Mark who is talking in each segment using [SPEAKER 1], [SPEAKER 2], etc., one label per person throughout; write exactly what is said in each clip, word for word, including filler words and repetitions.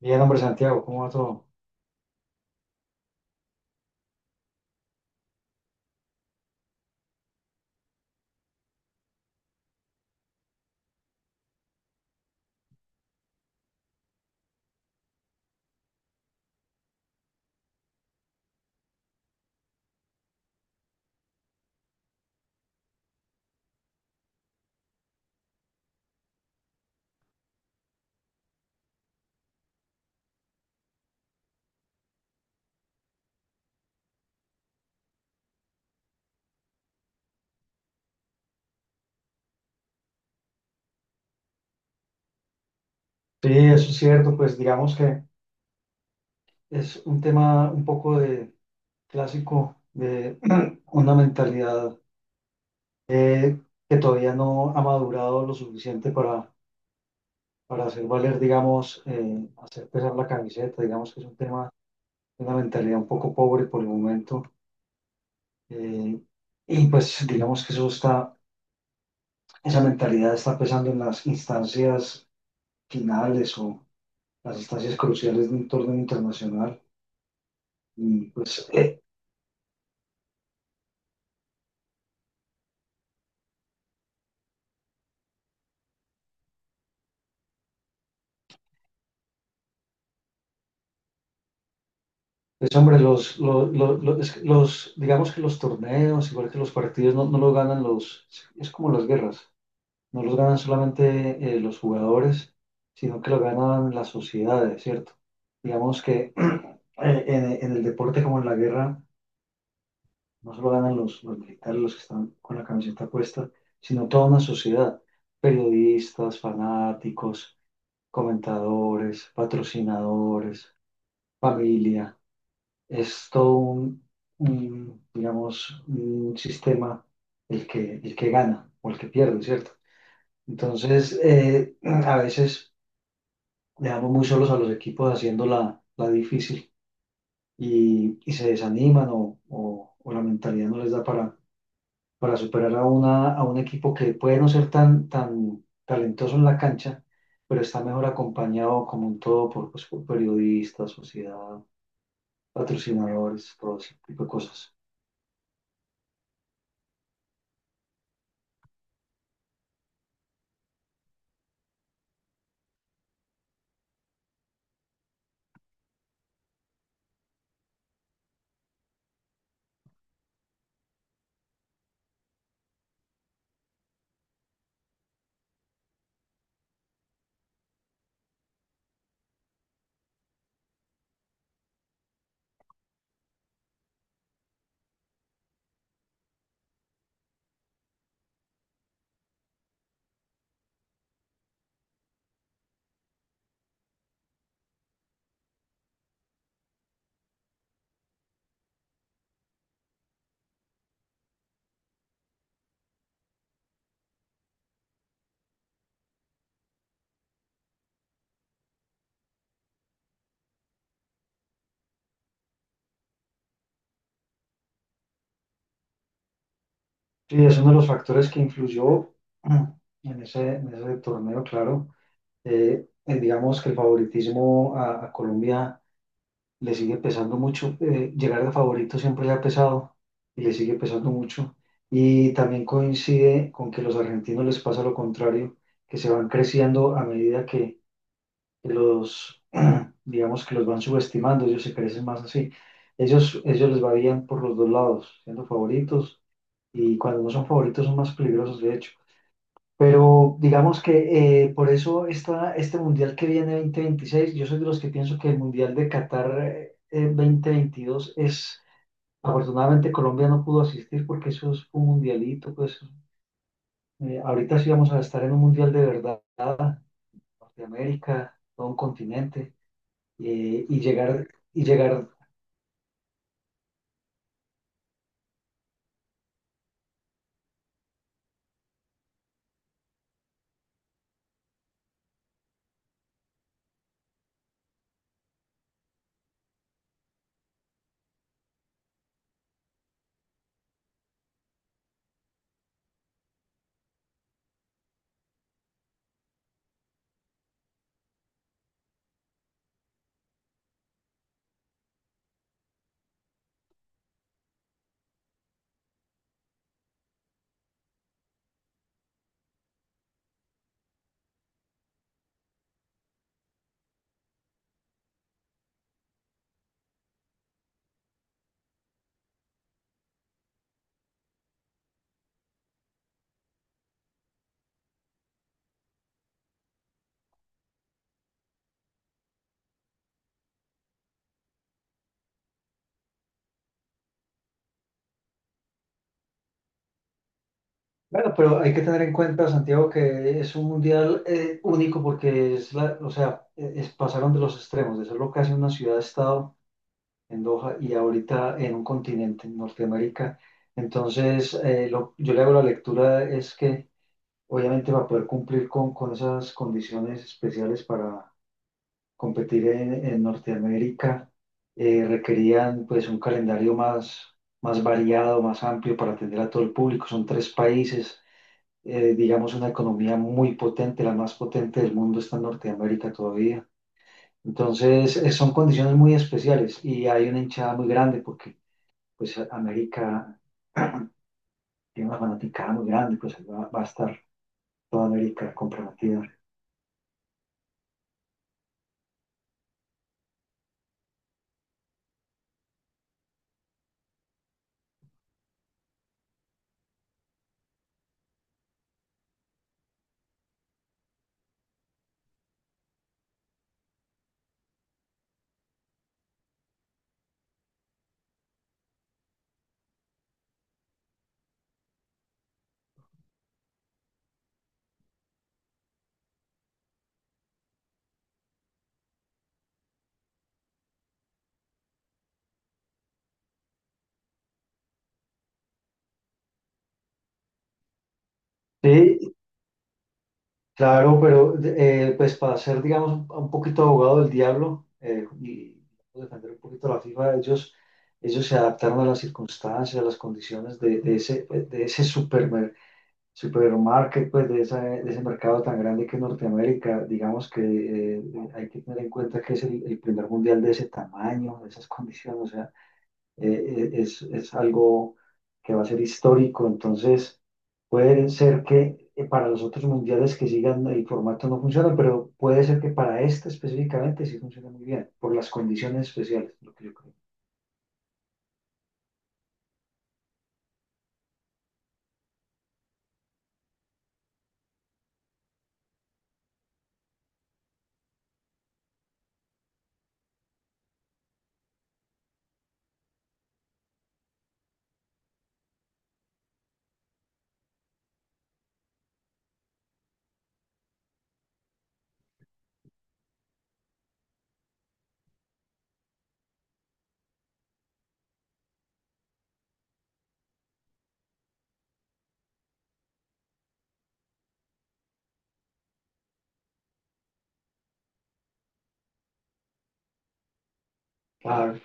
[SPEAKER 1] Bien, hombre, Santiago, ¿cómo va todo? Sí, eso es cierto, pues digamos que es un tema un poco de clásico de una mentalidad eh, que todavía no ha madurado lo suficiente para, para hacer valer, digamos, eh, hacer pesar la camiseta, digamos que es un tema una mentalidad un poco pobre por el momento. eh, y pues digamos que eso está, esa mentalidad está pesando en las instancias finales o las instancias cruciales de un torneo internacional. Y pues pues hombre, los, los, los, los- los- digamos que los torneos, igual que los partidos, no, no los ganan los, es como las guerras, no los ganan solamente eh, los jugadores, sino que lo ganan las sociedades, ¿cierto? Digamos que eh, en, en el deporte como en la guerra, no solo ganan los, los militares, los que están con la camiseta puesta, sino toda una sociedad, periodistas, fanáticos, comentadores, patrocinadores, familia es todo un, un, digamos, un sistema el que, el que gana o el que pierde, ¿cierto? Entonces, eh, a veces dejamos muy solos a los equipos haciendo la, la difícil y, y se desaniman o, o- o la mentalidad no les da para, para superar a, una, a un equipo que puede no ser tan, tan talentoso en la cancha, pero está mejor acompañado como un todo por, pues, por periodistas, sociedad, patrocinadores, todo ese tipo de cosas. Sí, es uno de los factores que influyó en ese, en ese torneo, claro. Eh, eh, digamos que el favoritismo a, a Colombia le sigue pesando mucho. Eh, llegar de favorito siempre le ha pesado y le sigue pesando mucho. Y también coincide con que los argentinos les pasa lo contrario, que se van creciendo a medida que, los, digamos que los van subestimando, ellos se crecen más así. Ellos, ellos les va bien por los dos lados, siendo favoritos y cuando no son favoritos son más peligrosos, de hecho. Pero digamos que eh, por eso esta, este mundial que viene dos mil veintiséis, yo soy de los que pienso que el mundial de Qatar eh, eh, dos mil veintidós es, afortunadamente Colombia no pudo asistir porque eso es un mundialito, pues eh, ahorita sí vamos a estar en un mundial de verdad, Norteamérica, todo un continente, eh, y llegar, y llegar, bueno, pero hay que tener en cuenta, Santiago, que es un mundial eh, único porque es la, o sea, eh, es- pasaron de los extremos, de ser lo que hace una ciudad-estado en Doha y ahorita en un continente, en Norteamérica. Entonces, eh, lo- yo le hago la lectura es que obviamente va a poder cumplir con, con esas condiciones especiales para competir en, en Norteamérica. Eh, requerían pues un calendario más, más variado, más amplio para atender a todo el público. Son tres países, eh, digamos una economía muy potente, la más potente del mundo está en Norteamérica todavía. Entonces, eh, son condiciones muy especiales y hay una hinchada muy grande porque pues América tiene una fanaticada muy grande, pues va, va a estar toda América comprometida. Sí, claro, pero eh, pues para ser, digamos, un poquito abogado del diablo eh, y defender un poquito la FIFA, ellos, ellos se adaptaron a las circunstancias, a las condiciones de, de ese, de ese supermer- supermarket, pues de, esa- de ese mercado tan grande que es Norteamérica. Digamos que eh, hay que tener en cuenta que es el, el primer mundial de ese tamaño, de esas condiciones, o sea eh, eh, es, es algo que va a ser histórico, entonces puede ser que eh, para los otros mundiales que sigan el formato no funciona pero puede ser que para este específicamente sí funcione muy bien, por las condiciones especiales, lo que yo creo. Claro.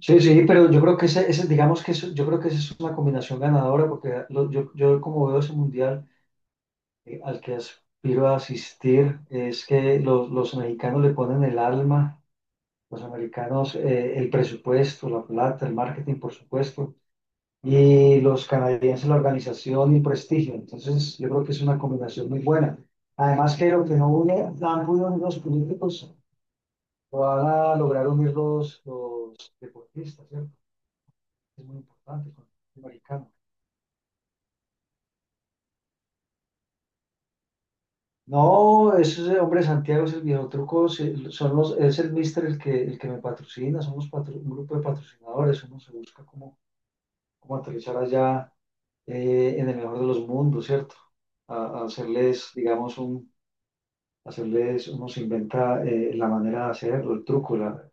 [SPEAKER 1] Sí, sí, pero yo creo que ese, ese- digamos que eso- yo creo que esa es una combinación ganadora, porque lo- yo, yo como veo ese mundial eh, al que aspiro a asistir, es que los, los mexicanos le ponen el alma. Los americanos, eh, el presupuesto, la plata, el marketing, por supuesto, y los canadienses, la organización y el prestigio. Entonces, yo creo que es una combinación muy buena. Además, que lo que no une, no han unido los políticos, lo van a lograr unir los, los deportistas, ¿cierto? Es muy importante con el americano. No, ese hombre Santiago es el viejo truco, sí, son los, es el mister el que, el que me patrocina, somos patro- un grupo de patrocinadores, uno se busca cómo, cómo aterrizar allá eh, en el mejor de los mundos, ¿cierto? A, a hacerles, digamos, un, hacerles, uno se inventa eh, la manera de hacerlo, el truco, la-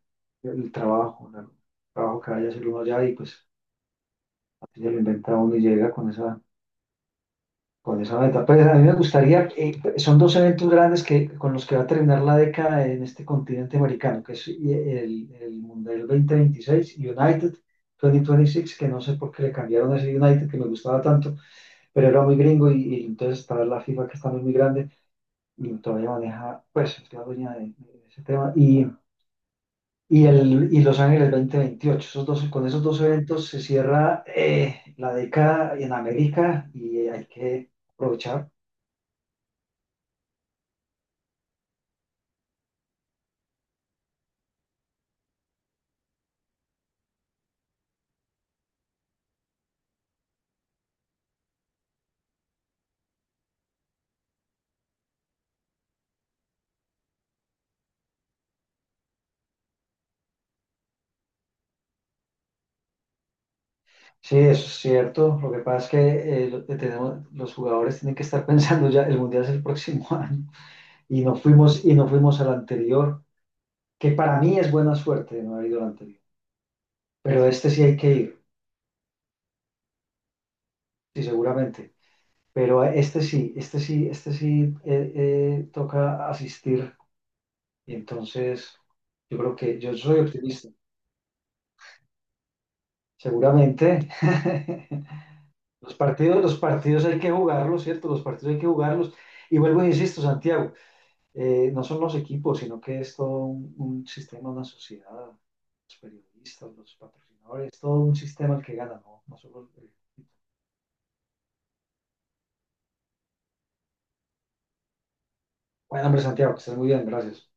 [SPEAKER 1] el trabajo, la- el trabajo que vaya a hacer uno allá y pues así se lo inventa uno y llega con esa, con esa meta. Pues a mí me gustaría, eh, son dos eventos grandes que, con los que va a terminar la década en este continente americano, que es el, el Mundial dos mil veintiséis, United dos mil veintiséis, que no sé por qué le cambiaron ese United que me gustaba tanto pero era muy gringo y, y entonces está la FIFA que es también muy grande y todavía maneja, pues es la dueña de, de ese tema. Y, y, el, y Los Ángeles dos mil veintiocho esos dos, con esos dos eventos se cierra eh, la década en América y hay que aprovechar. Sí, eso es cierto. Lo que pasa es que eh, lo- eh, tenemos, los jugadores tienen que estar pensando ya, el mundial es el próximo año y no fuimos, y no fuimos al anterior, que para mí es buena suerte no haber ido al anterior. Pero este sí hay que ir, sí, seguramente. Pero a este sí, este sí, este sí eh, eh, toca asistir. Y entonces yo creo que yo soy optimista. Seguramente. Los partidos, los partidos hay que jugarlos, ¿cierto? Los partidos hay que jugarlos. Y vuelvo e insisto, Santiago, eh, no son los equipos, sino que es todo un, un sistema, una sociedad, los periodistas, los patrocinadores, todo un sistema el que gana, ¿no? No solo el- Bueno, hombre, Santiago, que estés muy bien, gracias.